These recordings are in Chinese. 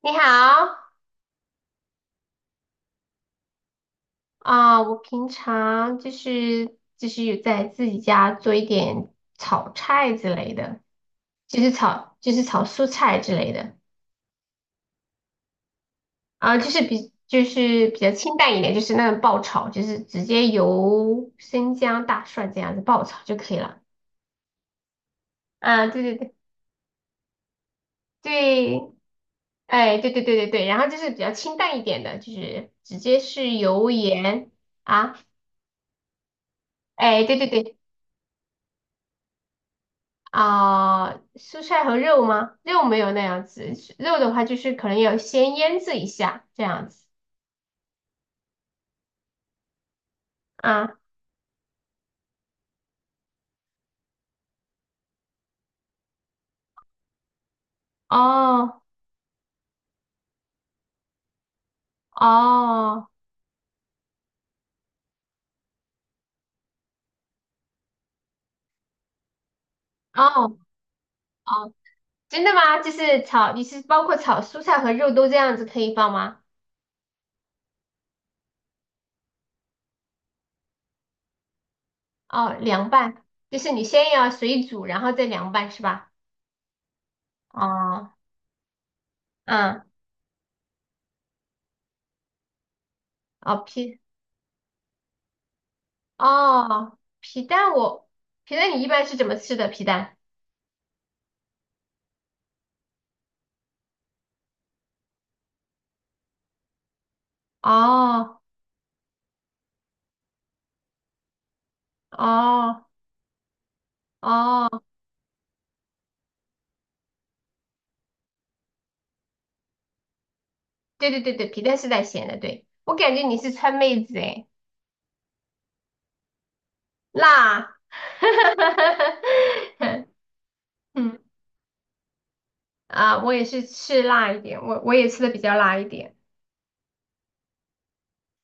你好啊，我平常就是有在自己家做一点炒菜之类的，就是炒蔬菜之类的啊，就是比较清淡一点，就是那种爆炒，就是直接油、生姜、大蒜这样子爆炒就可以了。啊，对对对对，哎，对对对对对，然后就是比较清淡一点的，就是直接是油盐啊，哎，对对对。啊、蔬菜和肉吗？肉没有那样子，肉的话就是可能要先腌制一下这样子啊。哦哦哦哦，真的吗？就是炒，你是包括炒蔬菜和肉都这样子可以放吗？哦，凉拌，就是你先要水煮，然后再凉拌是吧？哦，嗯，哦皮哦皮蛋我皮蛋你一般是怎么吃的皮蛋？哦哦哦。对对对对，皮蛋是带咸的，对，我感觉你是川妹子诶，辣，嗯啊，我也是吃辣一点，我也吃的比较辣一点。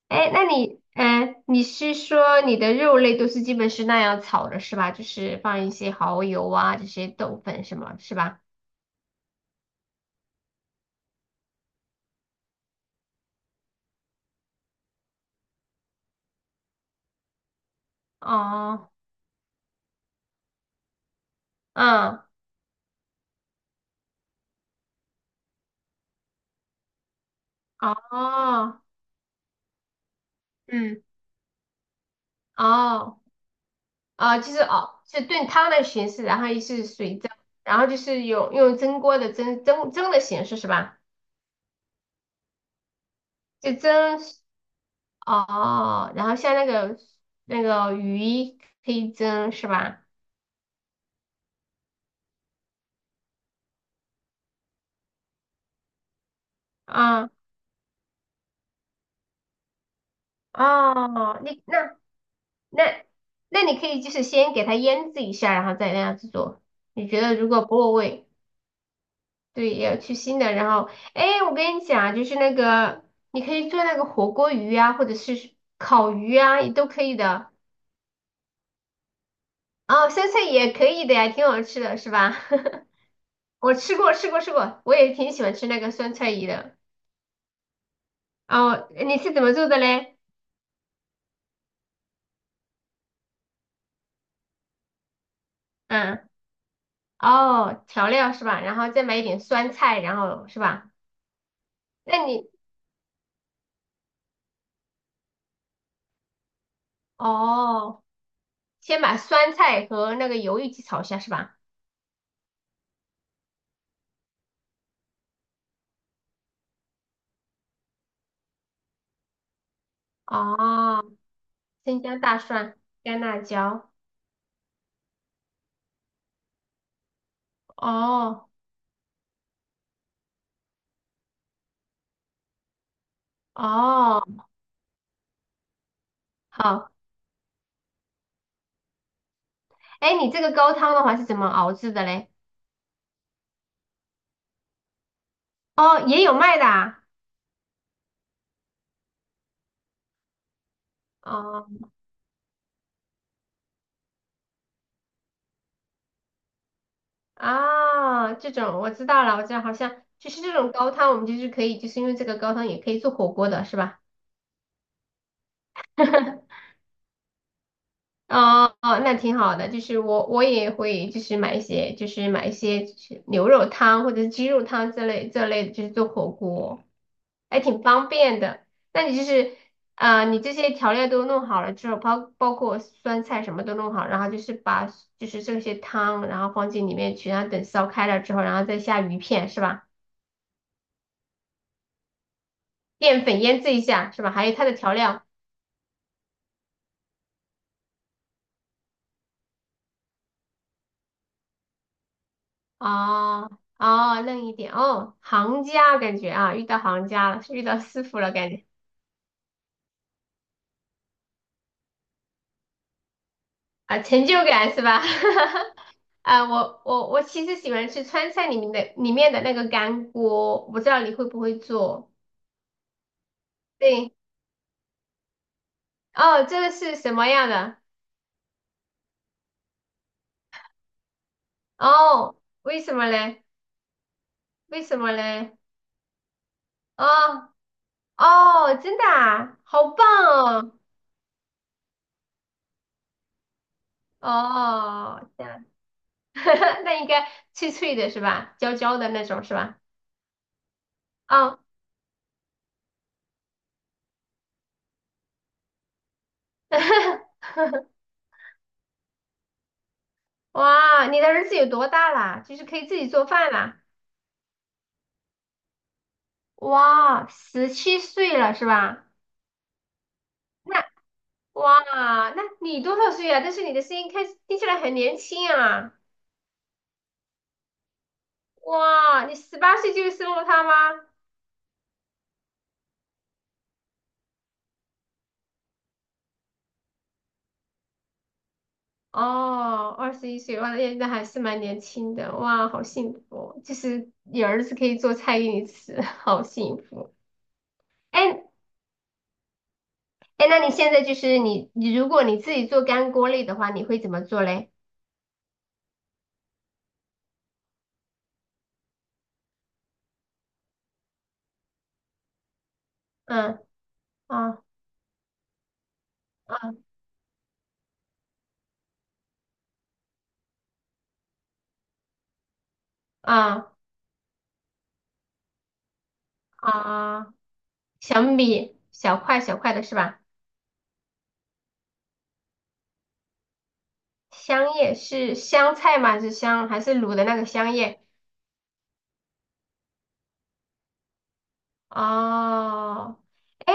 哎，那你，你是说你的肉类都是基本是那样炒的是吧？就是放一些蚝油啊，这些豆粉什么，是吧？哦，嗯，哦，嗯，哦。啊、就是哦，是炖汤的形式，然后也是水蒸，然后就是有用蒸锅的蒸的形式是吧？就蒸哦，然后像那个鱼可以蒸是吧？啊、哦，你那那那你可以就是先给它腌制一下，然后再那样子做。你觉得如果不够味，对，也要去腥的。然后，哎，我跟你讲啊，就是那个你可以做那个火锅鱼啊，或者是烤鱼啊，也都可以的。哦，酸菜也可以的呀，挺好吃的，是吧？我吃过，吃过，吃过，我也挺喜欢吃那个酸菜鱼的。哦，你是怎么做的嘞？嗯，哦，调料是吧？然后再买一点酸菜，然后是吧？那你哦，先把酸菜和那个油一起炒一下是吧？哦，生姜、大蒜、干辣椒。哦哦，好。哎，你这个高汤的话是怎么熬制的嘞？哦，也有卖的啊。哦。啊，这种我知道了，我知道，好像就是这种高汤，我们就是可以，就是因为这个高汤也可以做火锅的，是吧？哦哦，那挺好的。就是我也会就是买一些就是牛肉汤或者是鸡肉汤这类的，就是做火锅，还挺方便的。那你就是啊，你这些调料都弄好了之后，包括酸菜什么都弄好，然后就是把就是这些汤，然后放进里面去，然后等烧开了之后，然后再下鱼片，是吧？淀粉腌制一下是吧？还有它的调料啊哦，哦嫩一点哦，行家感觉啊，遇到行家了，是遇到师傅了感觉啊，成就感是吧？啊，我其实喜欢吃川菜里面的那个干锅，我不知道你会不会做？对，哦，这个是什么样的？哦，为什么嘞？为什么嘞？哦哦，真的啊，好棒哦！哦，这样。那应该脆脆的是吧？焦焦的那种是吧？哦，哇，你的儿子有多大啦？就是可以自己做饭啦？哇，十七岁了是吧？那哇，那你多少岁啊？但是你的声音听起来很年轻啊！哇，你十八岁就生了他吗？哦，二十一岁，哇，那还是蛮年轻的，哇，好幸福哦就是你儿子可以做菜给你吃，好幸福。哎，哎，那你现在就是你如果你自己做干锅类的话，你会怎么做嘞？嗯，啊啊啊啊，小块小块的是吧？香叶是香菜吗？还是卤的那个香叶？哦，哎，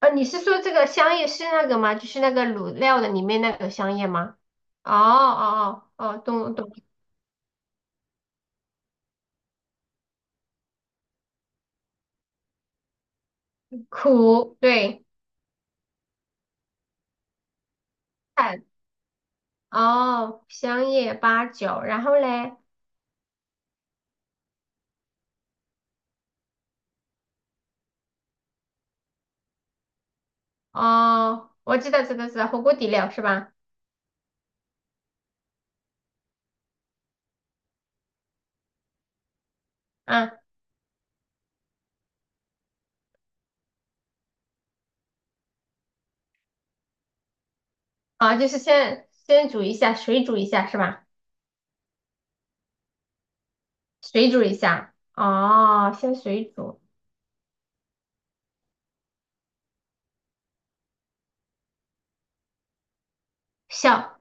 你是说这个香叶是那个吗？就是那个卤料的里面那个香叶吗？哦哦哦哦，懂懂，苦，对，看，哦，香叶八角，然后嘞。哦，我知道，知道，知道，火锅底料是吧？嗯，啊，就是先煮一下，水煮一下是吧？水煮一下，哦，先水煮，小，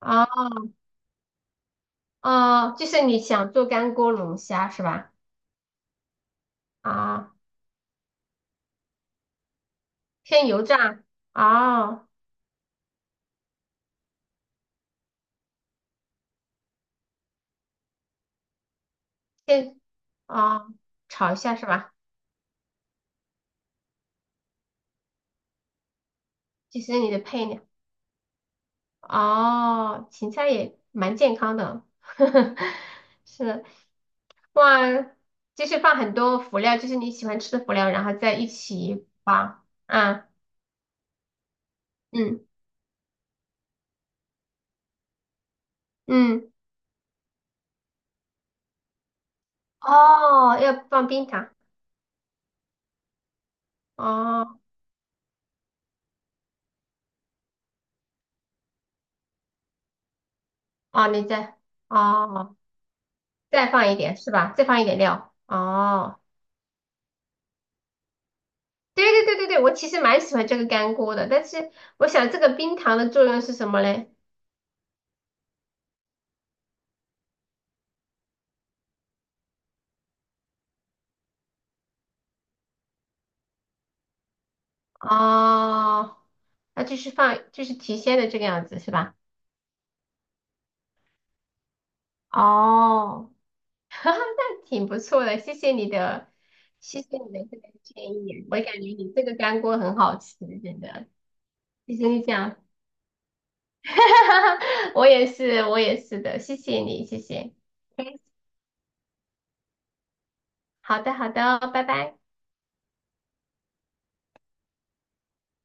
哦哦，就是你想做干锅龙虾是吧？啊、先油炸，哦，先哦，炒一下是吧？就是你的配料，哦，芹菜也蛮健康的，是哇，就是放很多辅料，就是你喜欢吃的辅料，然后在一起放，啊，嗯嗯，哦，要放冰糖，哦哦，你哦再放一点是吧？再放一点料，哦，对对对对对，我其实蛮喜欢这个干锅的，但是我想这个冰糖的作用是什么嘞？哦，那就是放就是提鲜的这个样子是吧？哦，哈哈，那挺不错的，谢谢你的，这个建议，我感觉你这个干锅很好吃，真的，谢谢你讲，我也是，我也是的，谢谢你，谢谢，好的，好的哦，拜拜。